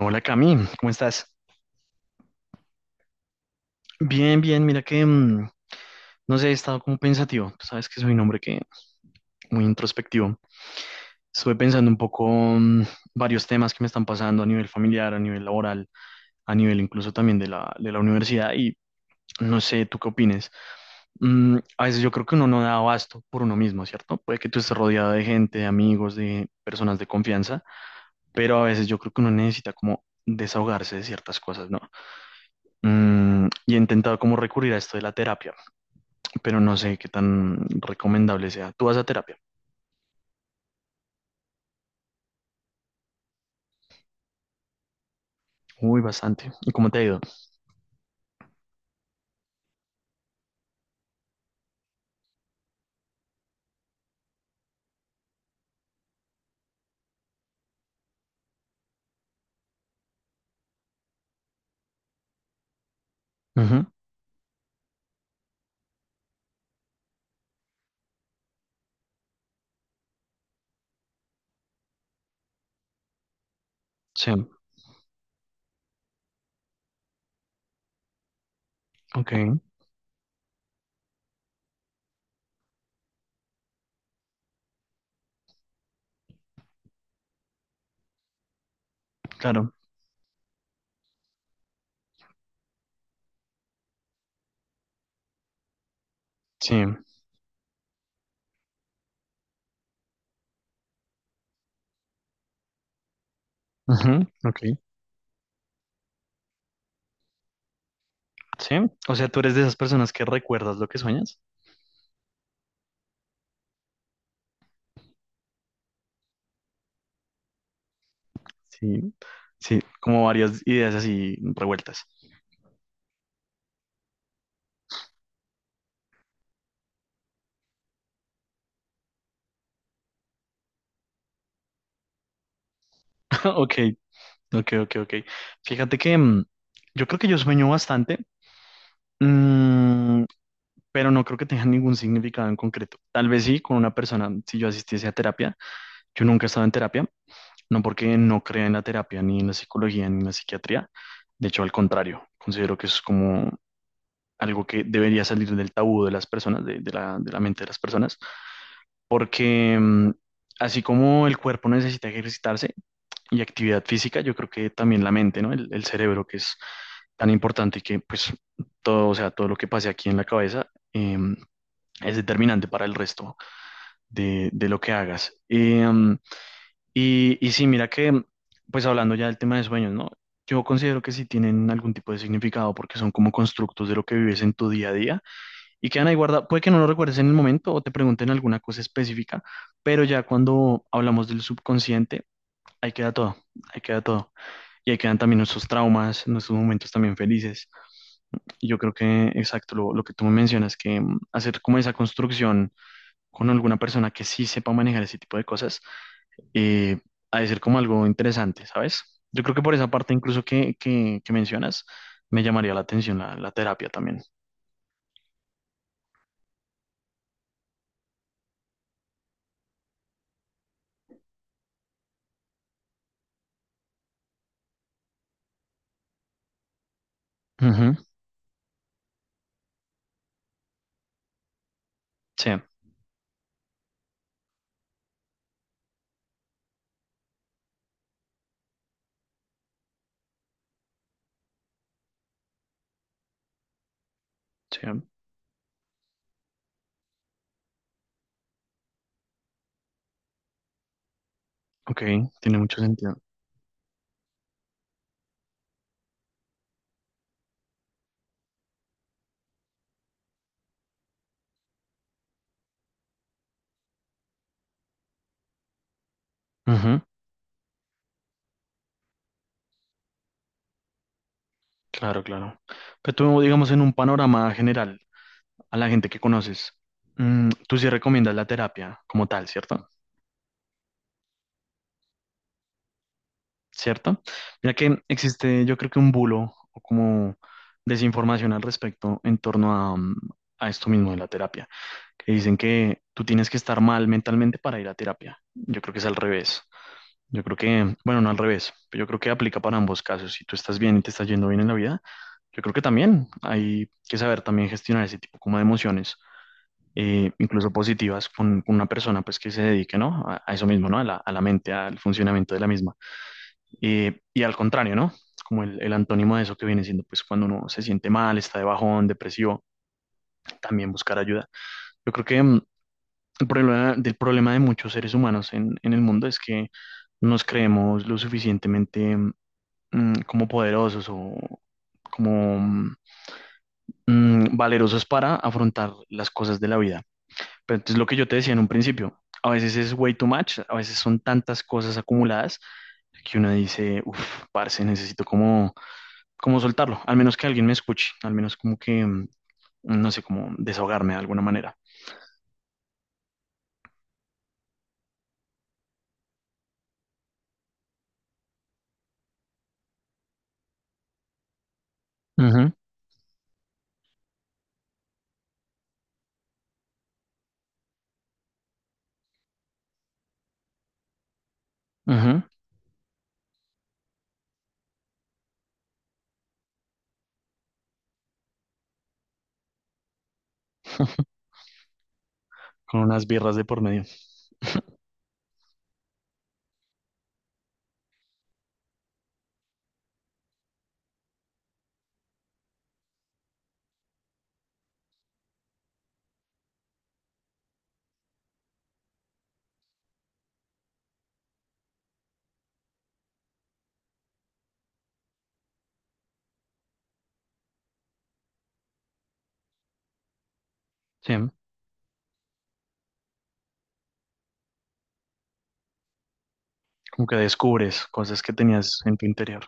Hola Cami, ¿cómo estás? Bien, bien, mira que, no sé, he estado como pensativo. Tú sabes que soy un hombre que muy introspectivo. Estuve pensando un poco varios temas que me están pasando a nivel familiar, a nivel laboral, a nivel incluso también de la universidad. No sé, ¿tú qué opines? A veces yo creo que uno no da abasto por uno mismo, ¿cierto? Puede que tú estés rodeado de gente, de amigos, de personas de confianza, pero a veces yo creo que uno necesita como desahogarse de ciertas cosas, ¿no? Y he intentado como recurrir a esto de la terapia, pero no sé qué tan recomendable sea. ¿Tú vas a terapia? Uy, bastante. ¿Y cómo te ha ido? Ujú, sí, ok, claro, sí, ujú, ok, sí. O sea, tú eres de esas personas que recuerdas lo que sueñas. Sí, sí, como varias ideas así revueltas. Ok, ok, ok, ok. Fíjate que yo creo que yo sueño bastante, mm, pero no creo que tenga ningún significado en concreto. Tal vez sí, con una persona, si yo asistiese a terapia. Yo nunca he estado en terapia, no porque no crea en la terapia, ni en la psicología, ni en la psiquiatría. De hecho, al contrario, considero que es como algo que debería salir del tabú de las personas, de la mente de las personas, porque así como el cuerpo necesita ejercitarse y actividad física, yo creo que también la mente, ¿no? El cerebro que es tan importante y que pues todo, o sea, todo lo que pase aquí en la cabeza es determinante para el resto de lo que hagas. Y, y sí, mira que, pues hablando ya del tema de sueños, ¿no? Yo considero que sí tienen algún tipo de significado porque son como constructos de lo que vives en tu día a día y quedan ahí guardados. Puede que no lo recuerdes en el momento o te pregunten alguna cosa específica, pero ya cuando hablamos del subconsciente, ahí queda todo, ahí queda todo. Y ahí quedan también nuestros traumas, nuestros momentos también felices. Y yo creo que, exacto, lo que tú me mencionas, que hacer como esa construcción con alguna persona que sí sepa manejar ese tipo de cosas, eh, ha de ser como algo interesante, ¿sabes? Yo creo que por esa parte incluso que mencionas, me llamaría la atención la terapia también. Ujú, sí, sí. Ok, tiene mucho sentido. Ujú, claro, claro. Pero tú, digamos, en un panorama general, a la gente que conoces, tú sí recomiendas la terapia como tal, ¿cierto? ¿Cierto? Mira que existe, yo creo que un bulo o como desinformación al respecto en torno a, a esto mismo de la terapia, que dicen que tú tienes que estar mal mentalmente para ir a terapia. Yo creo que es al revés. Yo creo que, bueno, no al revés, pero yo creo que aplica para ambos casos. Si tú estás bien y te estás yendo bien en la vida, yo creo que también hay que saber también gestionar ese tipo como de emociones, incluso positivas, con una persona pues que se dedique, ¿no? A eso mismo, ¿no? A la mente, al funcionamiento de la misma. Y al contrario, ¿no? Como el antónimo de eso que viene siendo pues cuando uno se siente mal, está de bajón, depresivo, también buscar ayuda. Yo creo que el problema, del problema de muchos seres humanos en el mundo es que nos creemos lo suficientemente como poderosos o como valerosos para afrontar las cosas de la vida. Pero entonces lo que yo te decía en un principio, a veces es way too much, a veces son tantas cosas acumuladas que uno dice, uff, parce, necesito como, como soltarlo, al menos que alguien me escuche, al menos como que, no sé, como desahogarme de alguna manera. Ujú, ujú. Con unas birras de por medio. Sí, como que descubres cosas que tenías en tu interior.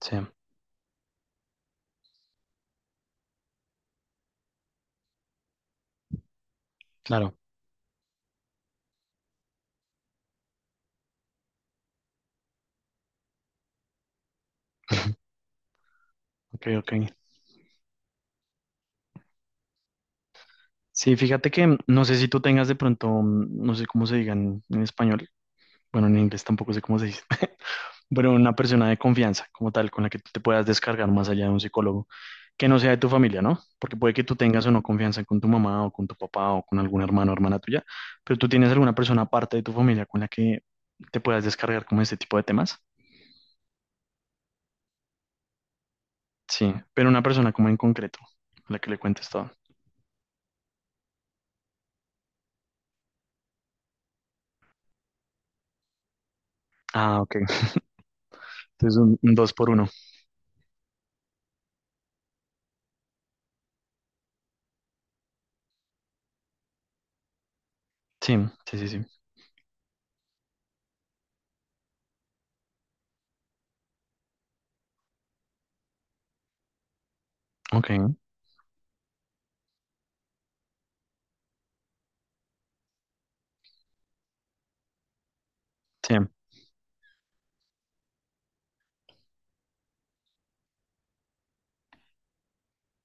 Sí, claro. Ok, ok. Sí, fíjate que no sé si tú tengas de pronto, no sé cómo se digan en español, bueno, en inglés tampoco sé cómo se dice, pero una persona de confianza como tal, con la que tú te puedas descargar más allá de un psicólogo, que no sea de tu familia, ¿no? Porque puede que tú tengas o no confianza con tu mamá o con tu papá o con algún hermano o hermana tuya, pero tú tienes alguna persona aparte de tu familia con la que te puedas descargar como este tipo de temas. Sí, pero una persona como en concreto, a la que le cuentes todo. Ah, ok. Entonces un dos por uno. Sí, sí, sí, sí. Ok, sí.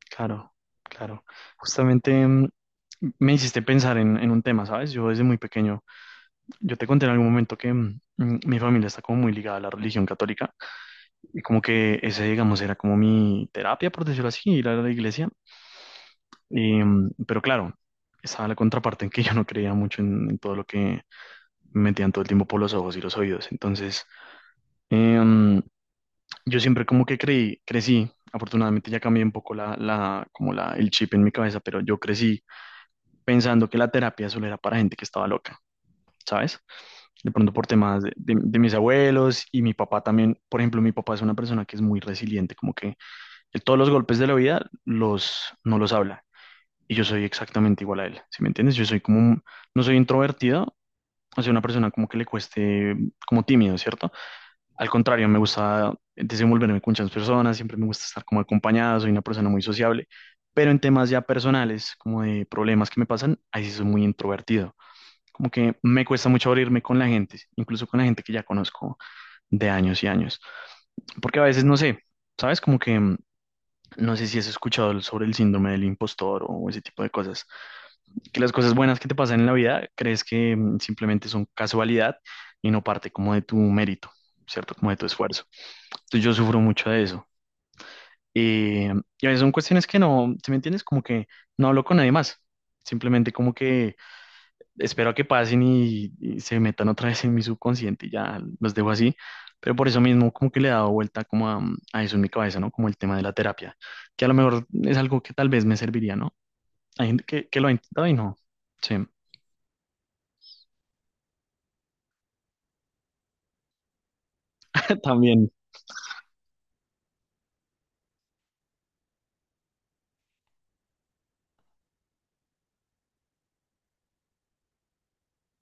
Claro, claro. Justamente me hiciste pensar en un tema, ¿sabes? Yo desde muy pequeño, yo te conté en algún momento que mi familia está como muy ligada a la religión católica y como que ese, digamos, era como mi terapia, por decirlo así, ir a la iglesia. Y, mm, pero claro, estaba la contraparte en que yo no creía mucho en todo lo que me metían todo el tiempo por los ojos y los oídos. Entonces, eh, mm, yo siempre como que creí, crecí, afortunadamente ya cambié un poco como la, el chip en mi cabeza, pero yo crecí pensando que la terapia solo era para gente que estaba loca, ¿sabes? De pronto por temas de mis abuelos y mi papá también, por ejemplo, mi papá es una persona que es muy resiliente, como que él todos los golpes de la vida no los habla. Y yo soy exactamente igual a él, ¿sí me entiendes? Yo soy como, no soy introvertido, o sea, una persona como que le cueste, como tímido, ¿cierto? Al contrario, me gusta desenvolverme con muchas personas, siempre me gusta estar como acompañado, soy una persona muy sociable, pero en temas ya personales, como de problemas que me pasan, ahí sí soy muy introvertido. Como que me cuesta mucho abrirme con la gente, incluso con la gente que ya conozco de años y años. Porque a veces no sé, ¿sabes? Como que no sé si has escuchado sobre el síndrome del impostor o ese tipo de cosas. Que las cosas buenas que te pasan en la vida crees que simplemente son casualidad y no parte como de tu mérito, ¿cierto? Como de tu esfuerzo. Entonces yo sufro mucho de eso. Eh, y a veces son cuestiones que no, ¿sí me entiendes? Como que no hablo con nadie más. Simplemente como que espero que pasen y se metan otra vez en mi subconsciente y ya los dejo así. Pero por eso mismo como que le he dado vuelta como a eso en mi cabeza, ¿no? Como el tema de la terapia, que a lo mejor es algo que tal vez me serviría, ¿no? Hay gente que lo ha intentado y no. Sí. También.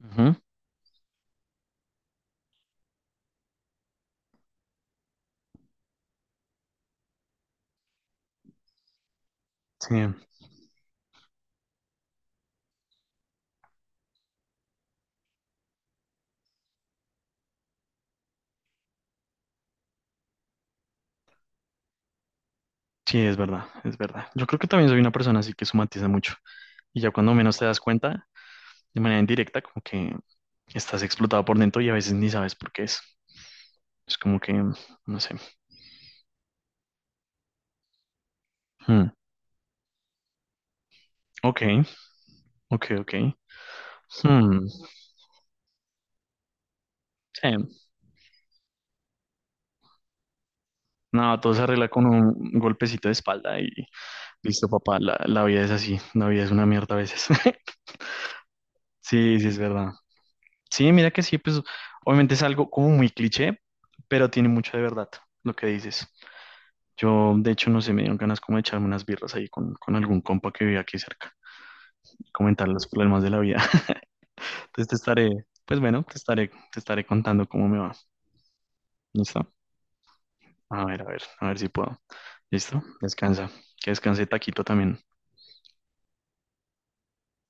Ujú, sí, sí, es verdad, es verdad. Yo creo que también soy una persona así que somatiza mucho. Y ya cuando menos te das cuenta, de manera indirecta, como que estás explotado por dentro y a veces ni sabes por qué es. Es como que, no sé. Hmm, ok, ok, ok. Hmm, sí. No, todo se arregla con un golpecito de espalda y listo, papá, la vida es así, la vida es una mierda a veces. Sí, sí, es verdad. Sí, mira que sí, pues obviamente es algo como muy cliché, pero tiene mucho de verdad lo que dices. Yo, de hecho, no sé, me dieron ganas como de echarme unas birras ahí con algún compa que vive aquí cerca, y comentar los problemas de la vida. Entonces te estaré, pues bueno, te estaré contando cómo me va. ¿Listo? A ver, a ver, a ver si puedo. ¿Listo? Descansa. Que descanse Taquito también.